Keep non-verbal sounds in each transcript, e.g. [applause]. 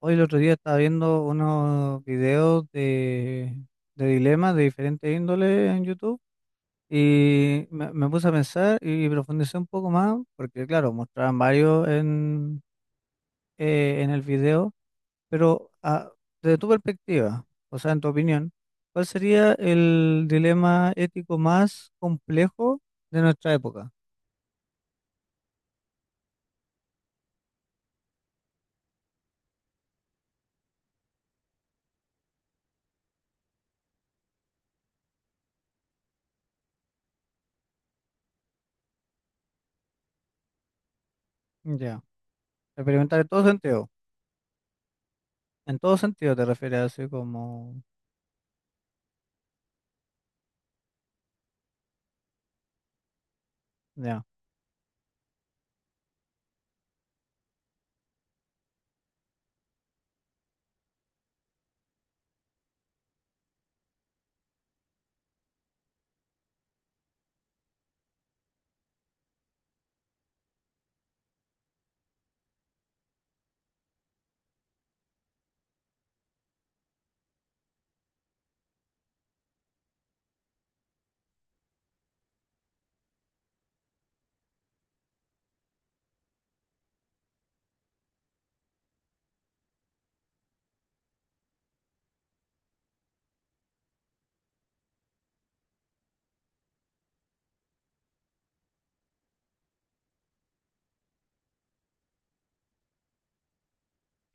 Hoy el otro día estaba viendo unos videos de dilemas de diferentes índoles en YouTube y me puse a pensar y profundicé un poco más, porque claro, mostraban varios en el video, pero desde tu perspectiva, o sea, en tu opinión, ¿cuál sería el dilema ético más complejo de nuestra época? Ya. Experimentar en todo sentido. En todo sentido te refieres así como, ya,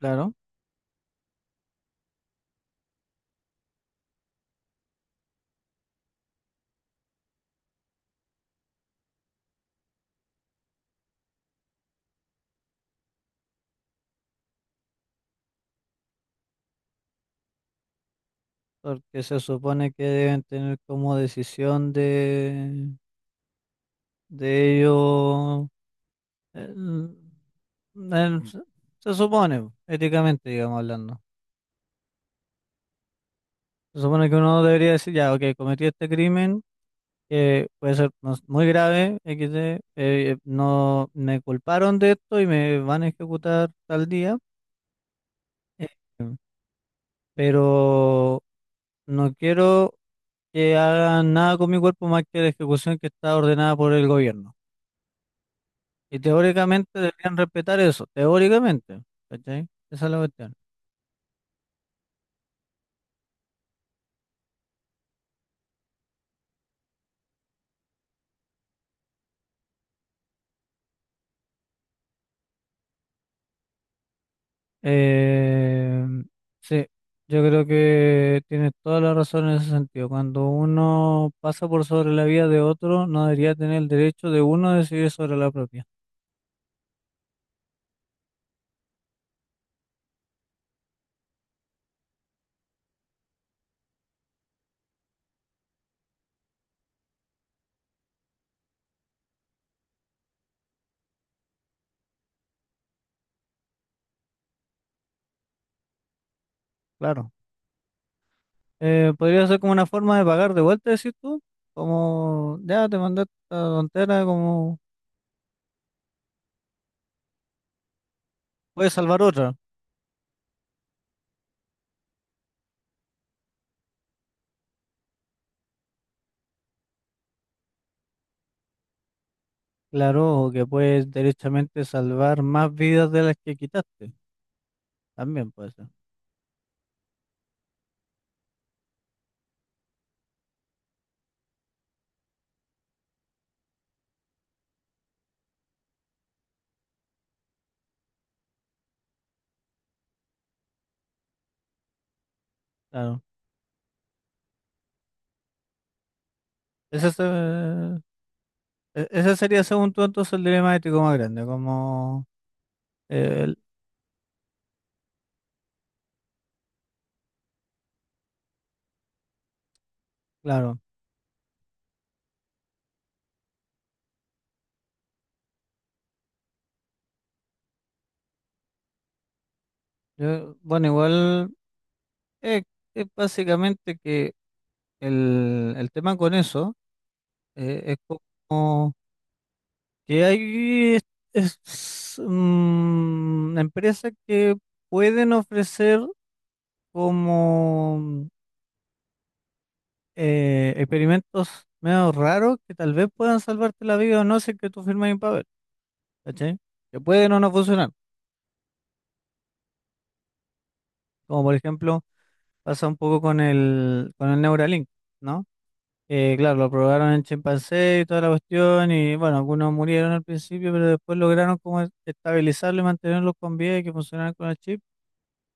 claro. Porque se supone que deben tener como decisión de ello. El- el- se se supone, éticamente, digamos hablando. Se supone que uno debería decir, ya, ok, cometí este crimen, que puede ser no sé, muy grave, XD, no me culparon de esto y me van a ejecutar tal día. Eh, pero no quiero que hagan nada con mi cuerpo más que la ejecución que está ordenada por el gobierno. Y teóricamente deberían respetar eso, teóricamente, ¿cachai? Esa es la cuestión. Eh, sí, yo creo que tienes toda la razón en ese sentido. Cuando uno pasa por sobre la vida de otro, no debería tener el derecho de uno a decidir sobre la propia. Claro. Podría ser como una forma de pagar de vuelta, decir tú, como ya te mandé esta tontera, como puedes salvar otra. Claro, o que puedes derechamente salvar más vidas de las que quitaste. También puede ser. Claro. Ese, se- ese sería, según tú, entonces el dilema ético más grande, como, eh, el- claro, bueno, igual eh, es, básicamente que el tema con eso es como que hay es- empresas que pueden ofrecer como experimentos medio raros que tal vez puedan salvarte la vida o no si es que tú firmas un papel, ¿cachai? Que pueden o no funcionar, como por ejemplo pasa un poco con el Neuralink, ¿no? Claro, lo probaron en chimpancé y toda la cuestión, y bueno, algunos murieron al principio, pero después lograron como estabilizarlo y mantenerlos con vida y que funcionaran con el chip.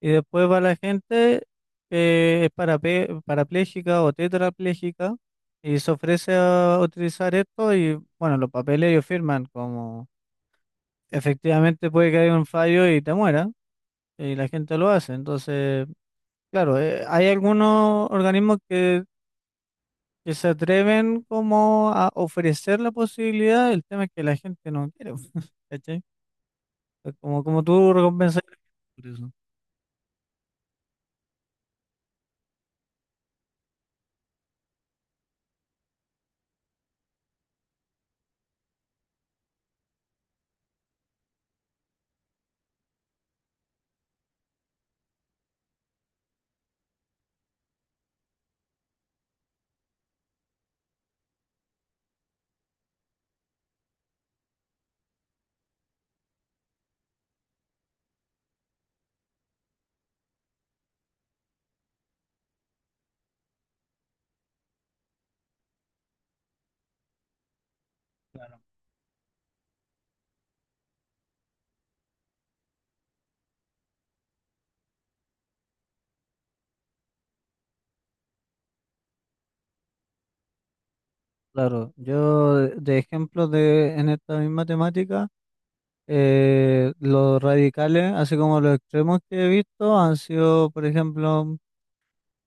Y después va la gente que es parapléjica o tetrapléjica y se ofrece a utilizar esto y bueno, los papeles ellos firman como efectivamente puede que haya un fallo y te muera, y la gente lo hace. Entonces... Claro, hay algunos organismos que se atreven como a ofrecer la posibilidad, el tema es que la gente no quiere, [laughs] ¿cachai? Es como, como tú recompensas a la gente por eso. Claro, yo de ejemplo de en esta misma temática, los radicales, así como los extremos que he visto, han sido, por ejemplo,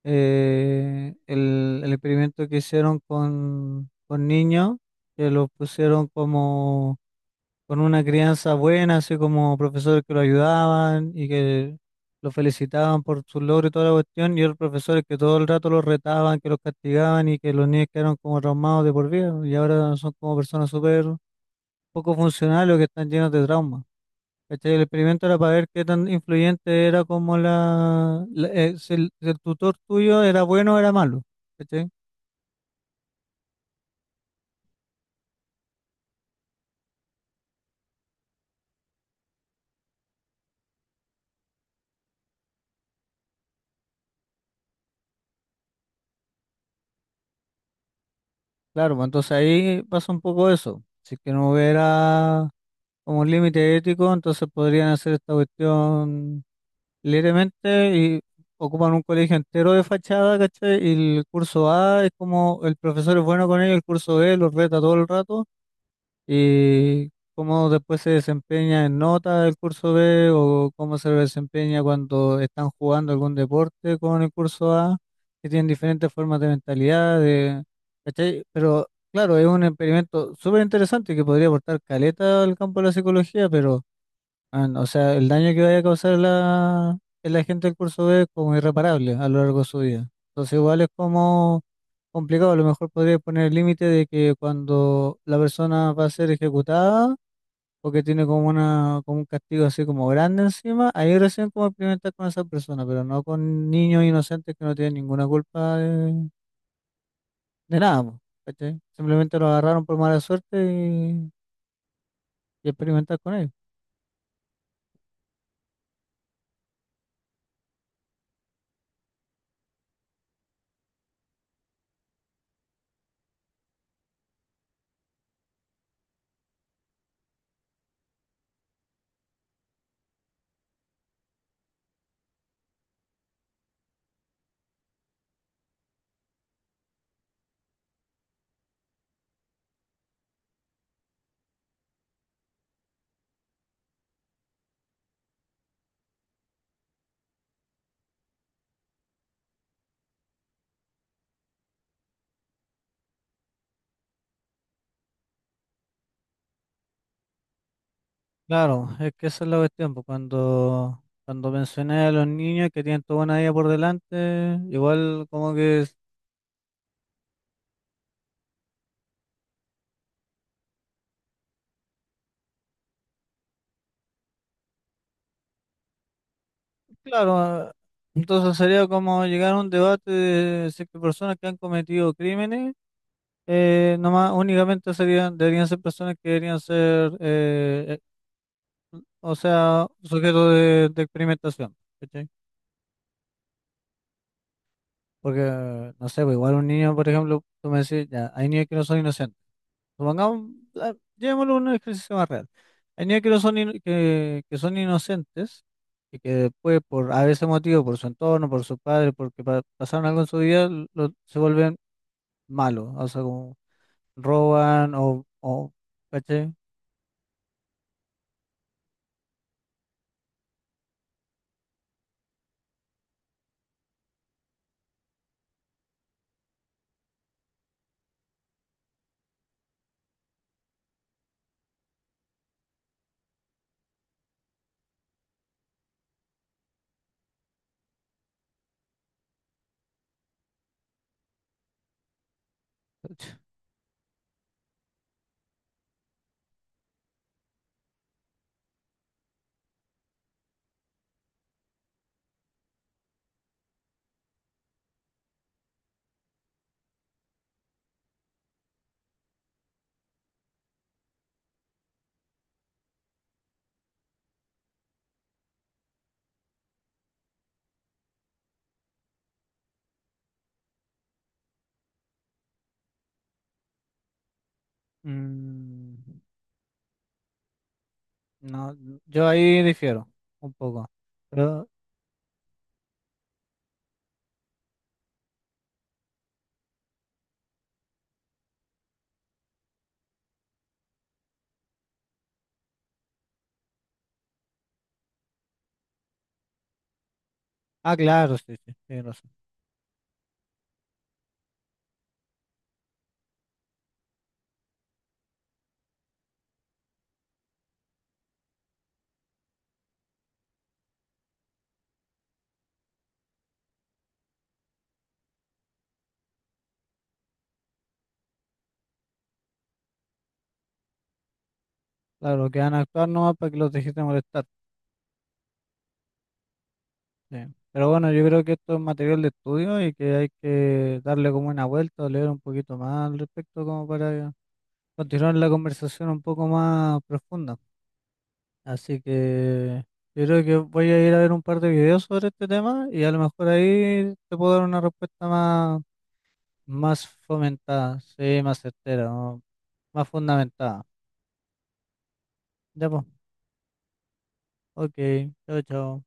el experimento que hicieron con niños, que los pusieron como con una crianza buena, así como profesores que lo ayudaban y que lo felicitaban por sus logros y toda la cuestión, y otros profesores que todo el rato los retaban, que los castigaban y que los niños quedaron como traumados de por vida, y ahora son como personas súper poco funcionales o que están llenos de trauma. ¿Cachai? El experimento era para ver qué tan influyente era como si el, si el tutor tuyo era bueno o era malo. ¿Cachai? Claro, pues entonces ahí pasa un poco eso. Si es que no hubiera como un límite ético, entonces podrían hacer esta cuestión libremente y ocupan un colegio entero de fachada, ¿cachai? Y el curso A es como el profesor es bueno con ellos, el curso B los reta todo el rato y cómo después se desempeña en nota el curso B o cómo se desempeña cuando están jugando algún deporte con el curso A, que tienen diferentes formas de mentalidad, de, ¿cachai? Pero claro, es un experimento súper interesante que podría aportar caleta al campo de la psicología, pero ah, no, o sea, el daño que vaya a causar en la gente del curso B es como irreparable a lo largo de su vida. Entonces, igual es como complicado. A lo mejor podría poner el límite de que cuando la persona va a ser ejecutada o que tiene como una, como un castigo así como grande encima, ahí recién como experimentar con esa persona, pero no con niños inocentes que no tienen ninguna culpa de nada, po, ¿cachai? Simplemente lo agarraron por mala suerte y experimentar con ellos. Claro, es que esa es la cuestión, pues, cuando mencioné a los niños que tienen toda una vida por delante, igual como que, claro, entonces sería como llegar a un debate de si es que personas que han cometido crímenes, nomás únicamente serían, deberían ser personas que deberían ser, o sea, sujetos de experimentación, ¿cachai? Porque, no sé, pues, igual un niño, por ejemplo, tú me decís, ya, hay niños que no son inocentes. Supongamos, ah, llevémoslo a un ejercicio más real. Hay niños no son, que son inocentes y que después, por a veces motivo, por su entorno, por sus padres, porque pasaron algo en su vida, se vuelven malos. O sea, como roban o ¿cachai? Mm, no, yo ahí difiero un poco. Pero, ah, claro, sí, sí, tienes razón. Claro, que van a actuar nomás para que los dejes de molestar. Sí. Pero bueno, yo creo que esto es material de estudio y que hay que darle como una vuelta, leer un poquito más al respecto como para continuar la conversación un poco más profunda. Así que yo creo que voy a ir a ver un par de videos sobre este tema y a lo mejor ahí te puedo dar una respuesta más, más fomentada, sí, más certera, ¿no? Más fundamentada. Ya pues, ok, chao, chao.